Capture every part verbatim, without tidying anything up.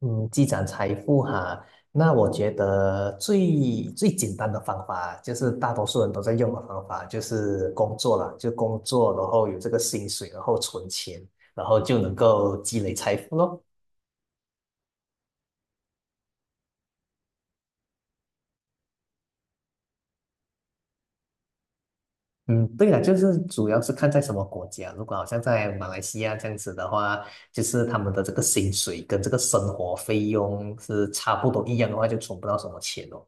嗯，积攒财富哈，那我觉得最最简单的方法，就是大多数人都在用的方法，就是工作啦，就工作，然后有这个薪水，然后存钱，然后就能够积累财富咯。嗯，对了，就是主要是看在什么国家，如果好像在马来西亚这样子的话，就是他们的这个薪水跟这个生活费用是差不多一样的话，就存不到什么钱哦。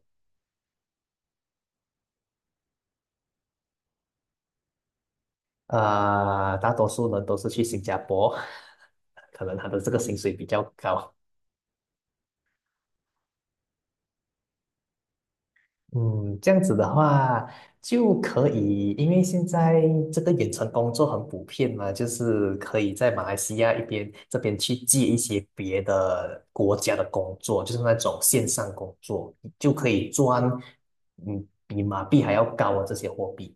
啊、大多数人都是去新加坡，可能他的这个薪水比较高。嗯，这样子的话就可以，因为现在这个远程工作很普遍嘛，就是可以在马来西亚一边这边去接一些别的国家的工作，就是那种线上工作，就可以赚嗯比马币还要高的这些货币。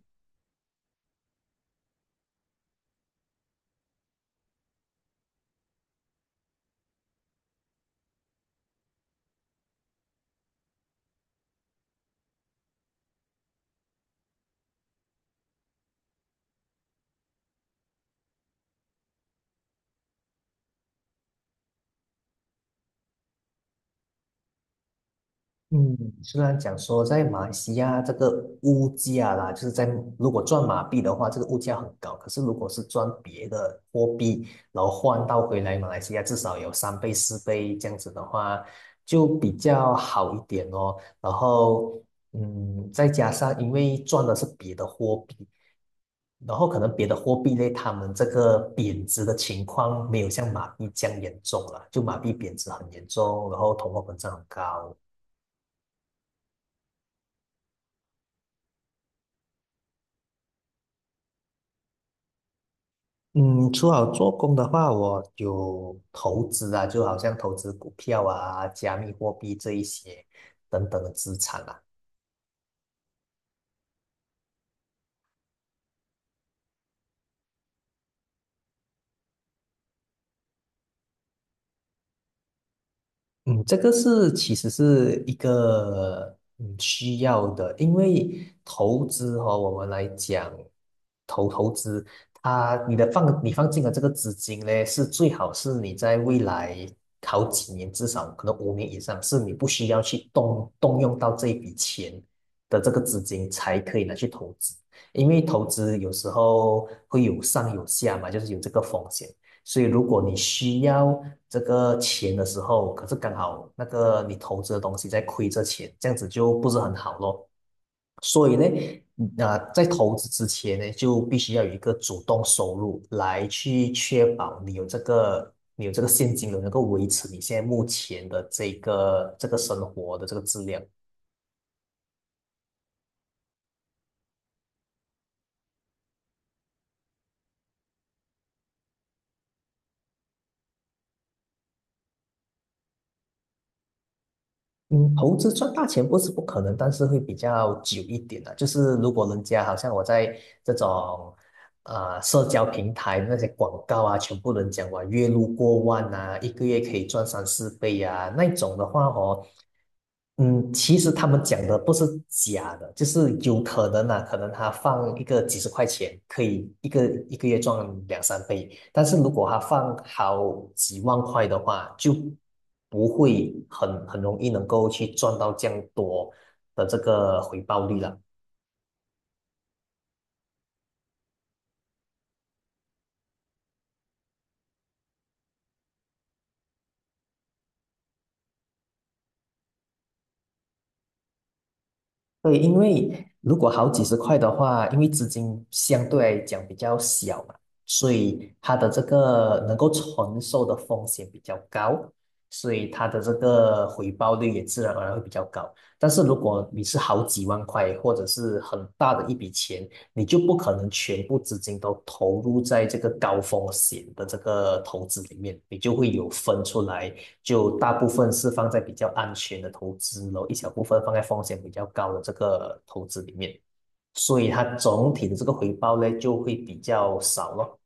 嗯，虽然讲说在马来西亚这个物价啦，就是在如果赚马币的话，这个物价很高。可是如果是赚别的货币，然后换到回来马来西亚，至少有三倍、四倍这样子的话，就比较好一点哦。然后，嗯，再加上因为赚的是别的货币，然后可能别的货币类，他们这个贬值的情况没有像马币这样严重了，就马币贬值很严重，然后通货膨胀很高。嗯，除好做工的话，我有投资啊，就好像投资股票啊、加密货币这一些等等的资产啊。嗯，这个是其实是一个嗯需要的，因为投资哦，我们来讲投投资，它你的放你放进的这个资金呢，是最好是你在未来好几年，至少可能五年以上，是你不需要去动动用到这一笔钱的这个资金才可以拿去投资，因为投资有时候会有上有下嘛，就是有这个风险。所以如果你需要这个钱的时候，可是刚好那个你投资的东西在亏着钱，这样子就不是很好咯。所以呢，嗯啊、在投资之前呢，就必须要有一个主动收入来去确保你有这个你有这个现金流，能够维持你现在目前的这个这个生活的这个质量。嗯，投资赚大钱不是不可能，但是会比较久一点的。就是如果人家好像我在这种呃社交平台那些广告啊，全部人讲哇月入过万啊，一个月可以赚三四倍啊，那种的话哦，嗯，其实他们讲的不是假的，就是有可能啊，可能他放一个几十块钱，可以一个一个月赚两三倍，但是如果他放好几万块的话，就不会很很容易能够去赚到这样多的这个回报率了。对，因为如果好几十块的话，因为资金相对来讲比较小嘛，所以它的这个能够承受的风险比较高，所以它的这个回报率也自然而然会比较高。但是如果你是好几万块，或者是很大的一笔钱，你就不可能全部资金都投入在这个高风险的这个投资里面，你就会有分出来就大部分是放在比较安全的投资，然后一小部分放在风险比较高的这个投资里面，所以它总体的这个回报呢就会比较少咯。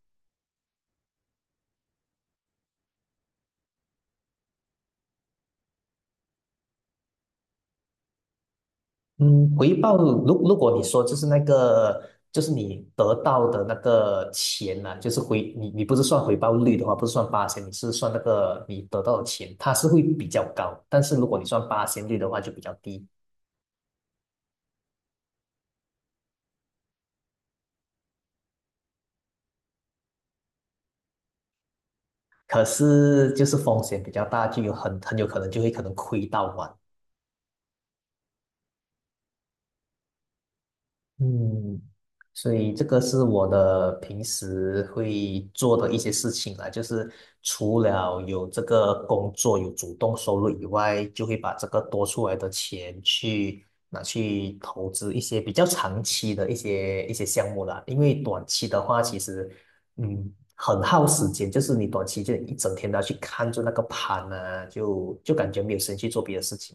嗯，回报如如果你说就是那个就是你得到的那个钱呢、就是回你你不是算回报率的话，不是算八千，你是算那个你得到的钱，它是会比较高。但是如果你算八千率的话，就比较低。可是就是风险比较大，就有很很有可能就会可能亏到完。嗯，所以这个是我的平时会做的一些事情啦，就是除了有这个工作有主动收入以外，就会把这个多出来的钱去拿去投资一些比较长期的一些一些项目啦。因为短期的话，其实嗯很耗时间，就是你短期就一整天都要去看着那个盘啊，就就感觉没有时间去做别的事情。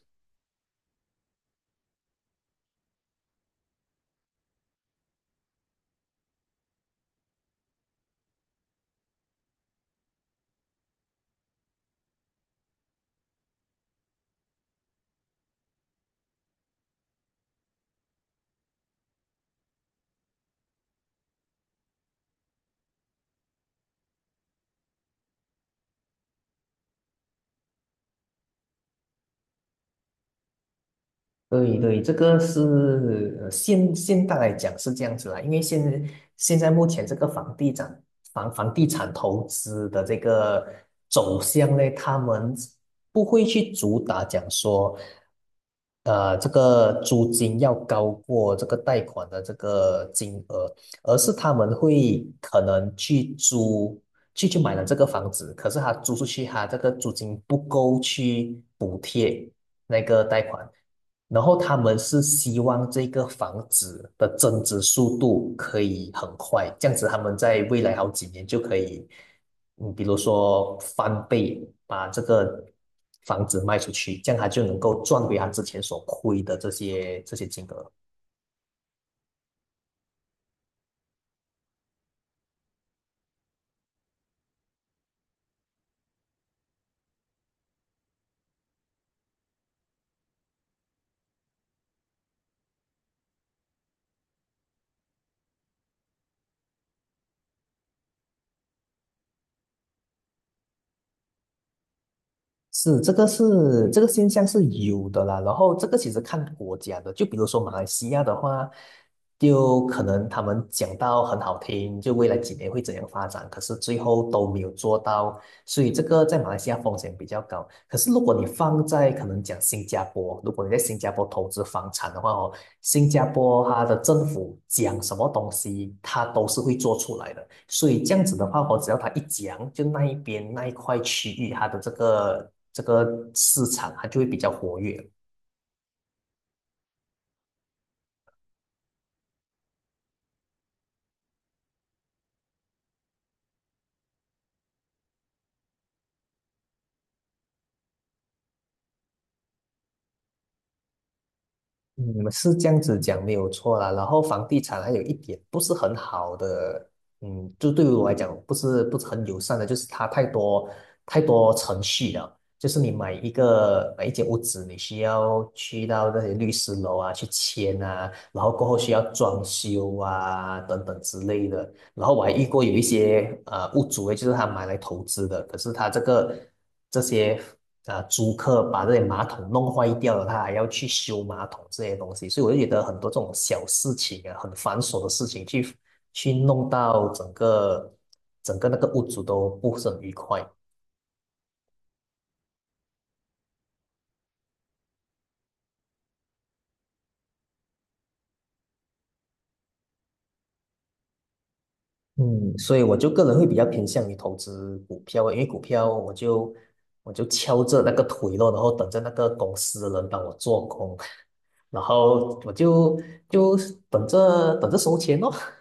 对对，这个是呃现现代来讲是这样子啦，因为现现在目前这个房地产房房地产投资的这个走向呢，他们不会去主打讲说，呃，这个租金要高过这个贷款的这个金额，而是他们会可能去租去去买了这个房子，可是他租出去，他这个租金不够去补贴那个贷款。然后他们是希望这个房子的增值速度可以很快，这样子他们在未来好几年就可以，嗯，比如说翻倍把这个房子卖出去，这样他就能够赚回他之前所亏的这些这些金额。是，这个是这个现象是有的啦。然后这个其实看国家的，就比如说马来西亚的话，就可能他们讲到很好听，就未来几年会怎样发展，可是最后都没有做到。所以这个在马来西亚风险比较高。可是如果你放在可能讲新加坡，如果你在新加坡投资房产的话哦，新加坡它的政府讲什么东西，它都是会做出来的。所以这样子的话我只要它一讲，就那一边那一块区域它的这个这个市场，它就会比较活跃。嗯，是这样子讲没有错啦。然后房地产还有一点不是很好的，嗯，就对于我来讲不是不是很友善的，就是它太多太多程序了。就是你买一个买一间屋子，你需要去到那些律师楼啊去签啊，然后过后需要装修啊等等之类的。然后我还遇过有一些呃屋主诶，就是他买来投资的，可是他这个这些呃租客把这些马桶弄坏掉了，他还要去修马桶这些东西，所以我就觉得很多这种小事情啊，很繁琐的事情去去弄到整个整个那个屋主都不是很愉快。嗯，所以我就个人会比较偏向于投资股票，因为股票我就我就敲着那个腿咯，然后等着那个公司的人帮我做工，然后我就就等着等着收钱咯。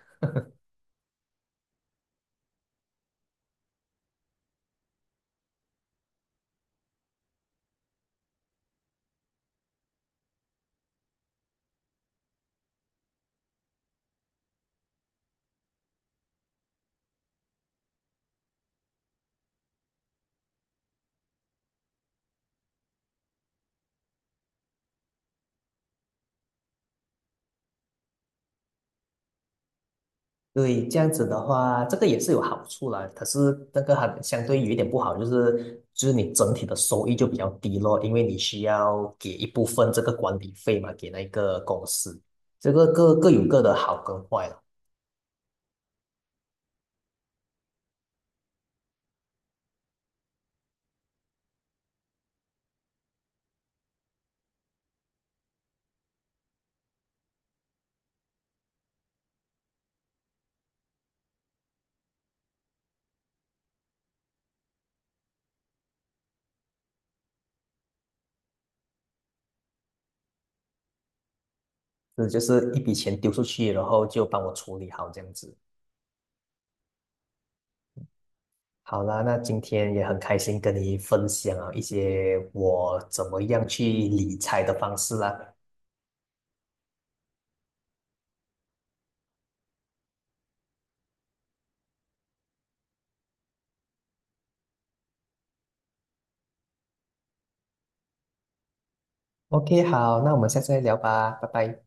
对，这样子的话，这个也是有好处啦。可是那个还相对有一点不好，就是就是你整体的收益就比较低咯，因为你需要给一部分这个管理费嘛，给那个公司。这个各各有各的好跟坏了，这就是一笔钱丢出去，然后就帮我处理好这样子。好啦，那今天也很开心跟你分享啊一些我怎么样去理财的方式啦。OK，好，那我们下次再聊吧，拜拜。